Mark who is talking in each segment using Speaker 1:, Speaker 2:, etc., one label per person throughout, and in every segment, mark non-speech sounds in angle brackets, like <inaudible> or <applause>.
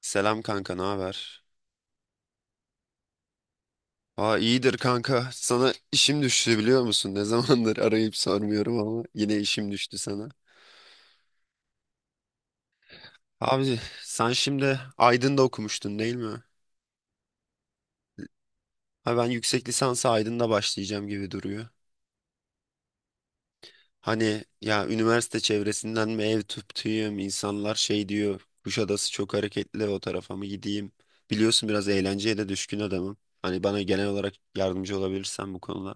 Speaker 1: Selam kanka, ne haber? Aa iyidir kanka. Sana işim düştü biliyor musun? Ne <laughs> zamandır arayıp sormuyorum ama yine işim düştü sana. Abi sen şimdi Aydın'da okumuştun değil mi? Ha ben yüksek lisansa Aydın'da başlayacağım gibi duruyor. Hani ya üniversite çevresinden mi ev tutayım? İnsanlar şey diyor. Kuşadası çok hareketli o tarafa mı gideyim? Biliyorsun biraz eğlenceye de düşkün adamım. Hani bana genel olarak yardımcı olabilirsen bu konuda.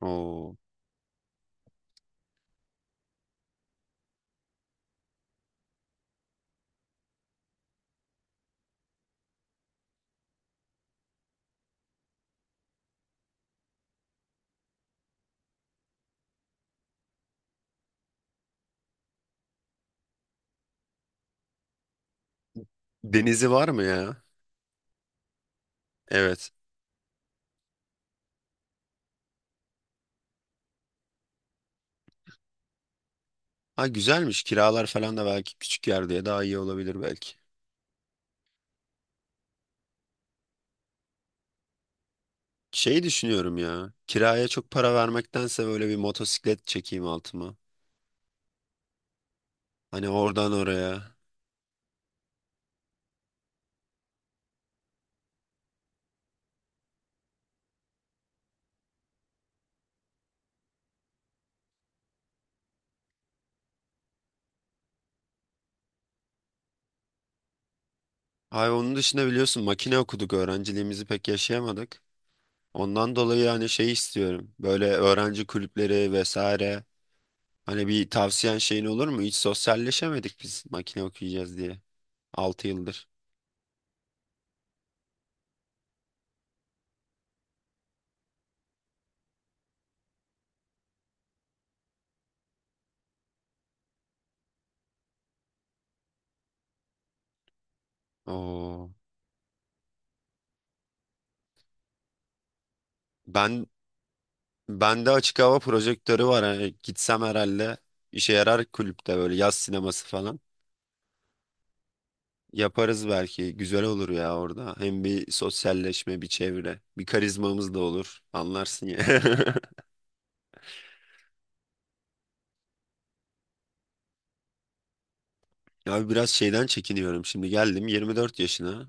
Speaker 1: Oo. Denizi var mı ya? Evet. Ha güzelmiş. Kiralar falan da belki küçük yer diye daha iyi olabilir belki. Şey düşünüyorum ya. Kiraya çok para vermektense böyle bir motosiklet çekeyim altıma. Hani oradan oraya. Ay onun dışında biliyorsun makine okuduk. Öğrenciliğimizi pek yaşayamadık. Ondan dolayı hani şey istiyorum. Böyle öğrenci kulüpleri vesaire. Hani bir tavsiyen şeyin olur mu? Hiç sosyalleşemedik biz makine okuyacağız diye. 6 yıldır. Oo. Ben Bende açık hava projektörü var. Hani gitsem herhalde işe yarar kulüpte böyle yaz sineması falan. Yaparız belki. Güzel olur ya orada. Hem bir sosyalleşme, bir çevre, bir karizmamız da olur. Anlarsın ya. <laughs> Ya biraz şeyden çekiniyorum. Şimdi geldim 24 yaşına.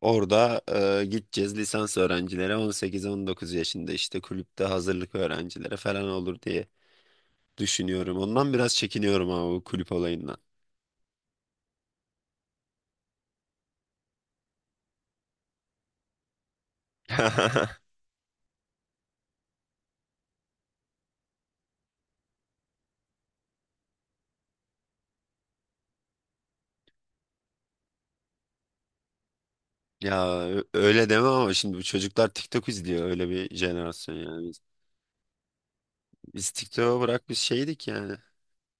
Speaker 1: Orada gideceğiz lisans öğrencilere 18-19 yaşında işte kulüpte hazırlık öğrencilere falan olur diye düşünüyorum. Ondan biraz çekiniyorum ama bu kulüp olayından. <laughs> Ya öyle deme ama şimdi bu çocuklar TikTok izliyor öyle bir jenerasyon yani. Biz TikTok'u bırak biz şeydik yani.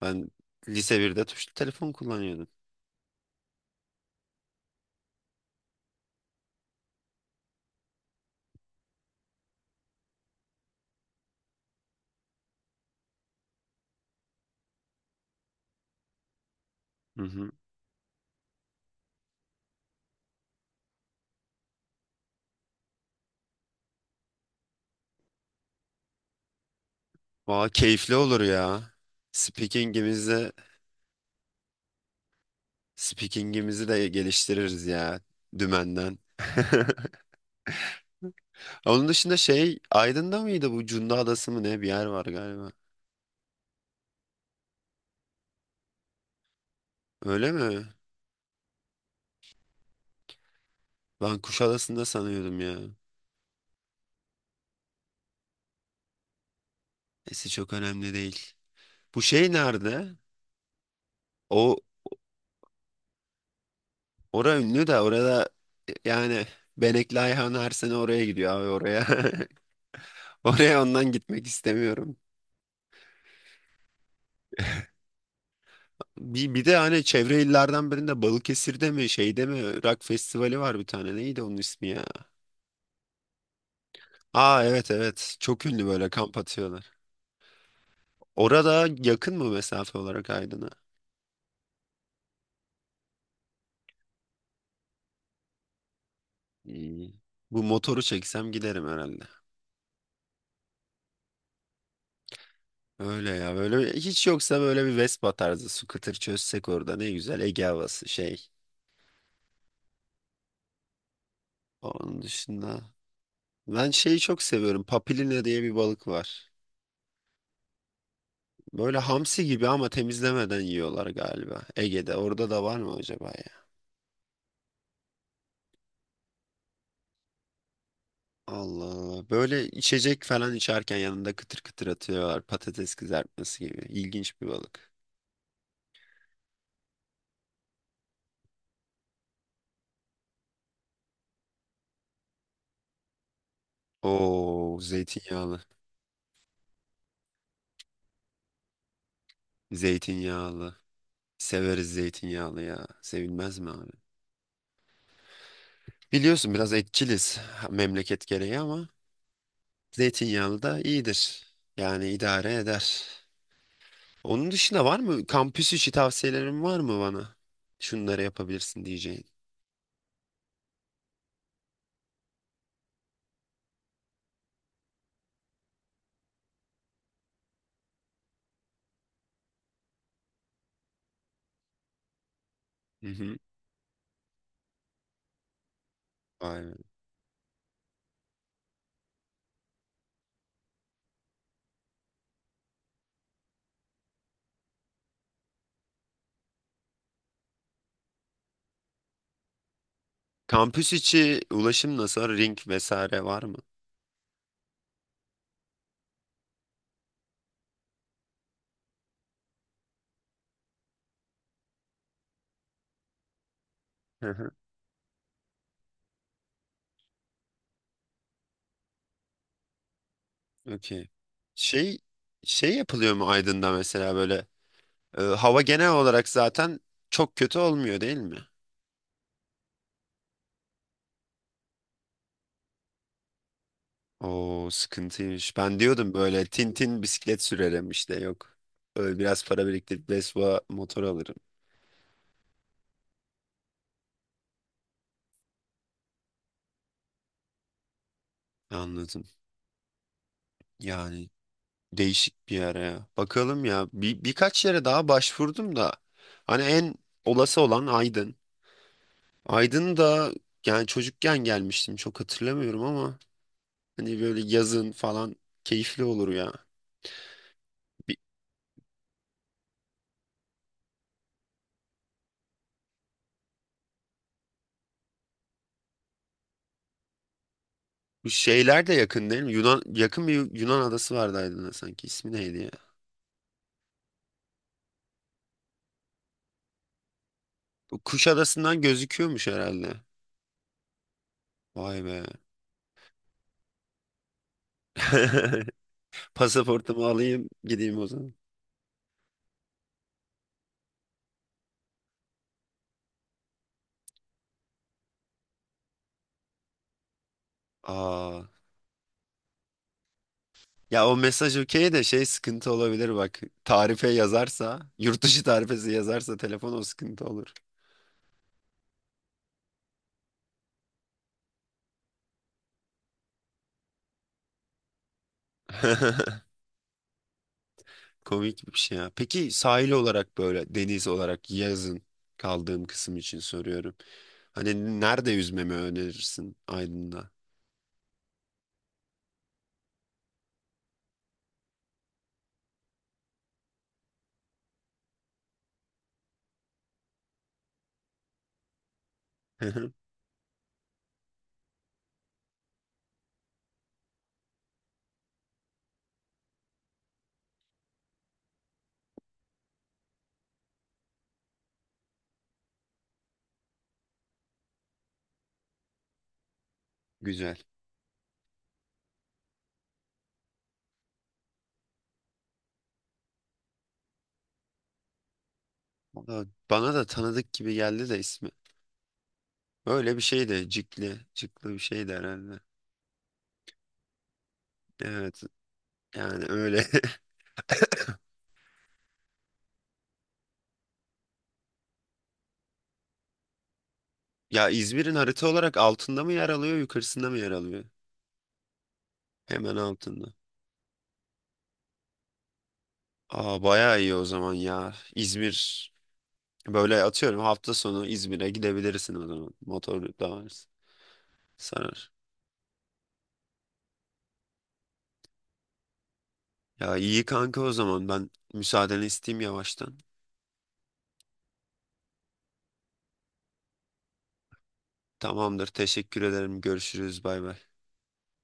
Speaker 1: Ben lise birde tuşlu telefon kullanıyordum. Hı hı. Valla keyifli olur ya. Speaking'imizi Speaking'imizi de geliştiririz ya dümenden. <laughs> Onun dışında şey Aydın'da mıydı bu Cunda Adası mı ne bir yer var galiba. Öyle mi? Ben Kuşadası'nda sanıyordum ya. Neyse çok önemli değil. Bu şey nerede? O Ora ünlü de orada yani Benekli Ayhan her sene oraya gidiyor abi oraya. <laughs> Oraya ondan gitmek istemiyorum. Bir de hani çevre illerden birinde Balıkesir'de mi şeyde mi rock festivali var bir tane. Neydi onun ismi ya? Aa evet evet çok ünlü böyle kamp atıyorlar. Orada yakın mı mesafe olarak Aydın'a? İyi. Bu motoru çeksem giderim herhalde. Öyle ya böyle hiç yoksa böyle bir Vespa tarzı scooter çözsek orada ne güzel Ege havası şey. Onun dışında ben şeyi çok seviyorum. Papilina diye bir balık var. Böyle hamsi gibi ama temizlemeden yiyorlar galiba. Ege'de. Orada da var mı acaba ya? Allah Allah. Böyle içecek falan içerken yanında kıtır kıtır atıyorlar. Patates kızartması gibi. İlginç bir balık. Oo, zeytinyağlı. Zeytinyağlı. Severiz zeytinyağlı ya. Sevilmez mi abi? Biliyorsun biraz etçiliz memleket gereği ama zeytinyağlı da iyidir. Yani idare eder. Onun dışında var mı? Kampüs içi tavsiyelerin var mı bana? Şunları yapabilirsin diyeceğin. Hı hı. Vay be. Kampüs içi ulaşım nasıl? Ring vesaire var mı? Hı hı. Okey. Şey şey yapılıyor mu Aydın'da mesela böyle hava genel olarak zaten çok kötü olmuyor değil mi? Oo sıkıntıymış. Ben diyordum böyle tintin bisiklet sürerim işte yok. Böyle biraz para biriktirip Vespa motor alırım. Anladım. Yani değişik bir yer ya. Bakalım ya. Birkaç yere daha başvurdum da. Hani en olası olan Aydın. Aydın da yani çocukken gelmiştim. Çok hatırlamıyorum ama hani böyle yazın falan keyifli olur ya. Bir, bu şeyler de yakın değil mi? Yunan, yakın bir Yunan adası vardı Aydın'a sanki. İsmi neydi ya? Bu Kuşadası'ndan gözüküyormuş herhalde. Vay be. <laughs> Pasaportumu alayım gideyim o zaman. Aa. Ya o mesaj okey de şey sıkıntı olabilir bak. Tarife yazarsa, yurt dışı tarifesi yazarsa telefon o sıkıntı olur. <laughs> Komik bir şey ya. Peki sahil olarak böyle deniz olarak yazın kaldığım kısım için soruyorum. Hani nerede yüzmemi önerirsin Aydın'da? <laughs> Güzel. Valla bana da tanıdık gibi geldi de ismi. Öyle bir şey de Cikli, Cikli bir şey de herhalde. Evet yani öyle. <laughs> Ya İzmir'in harita olarak altında mı yer alıyor, yukarısında mı yer alıyor? Hemen altında. Aa bayağı iyi o zaman ya. İzmir böyle atıyorum hafta sonu İzmir'e gidebilirsin o zaman. Motor da var. Sarar. Ya iyi kanka o zaman ben müsaadeni isteyeyim yavaştan. Tamamdır teşekkür ederim görüşürüz bay bay.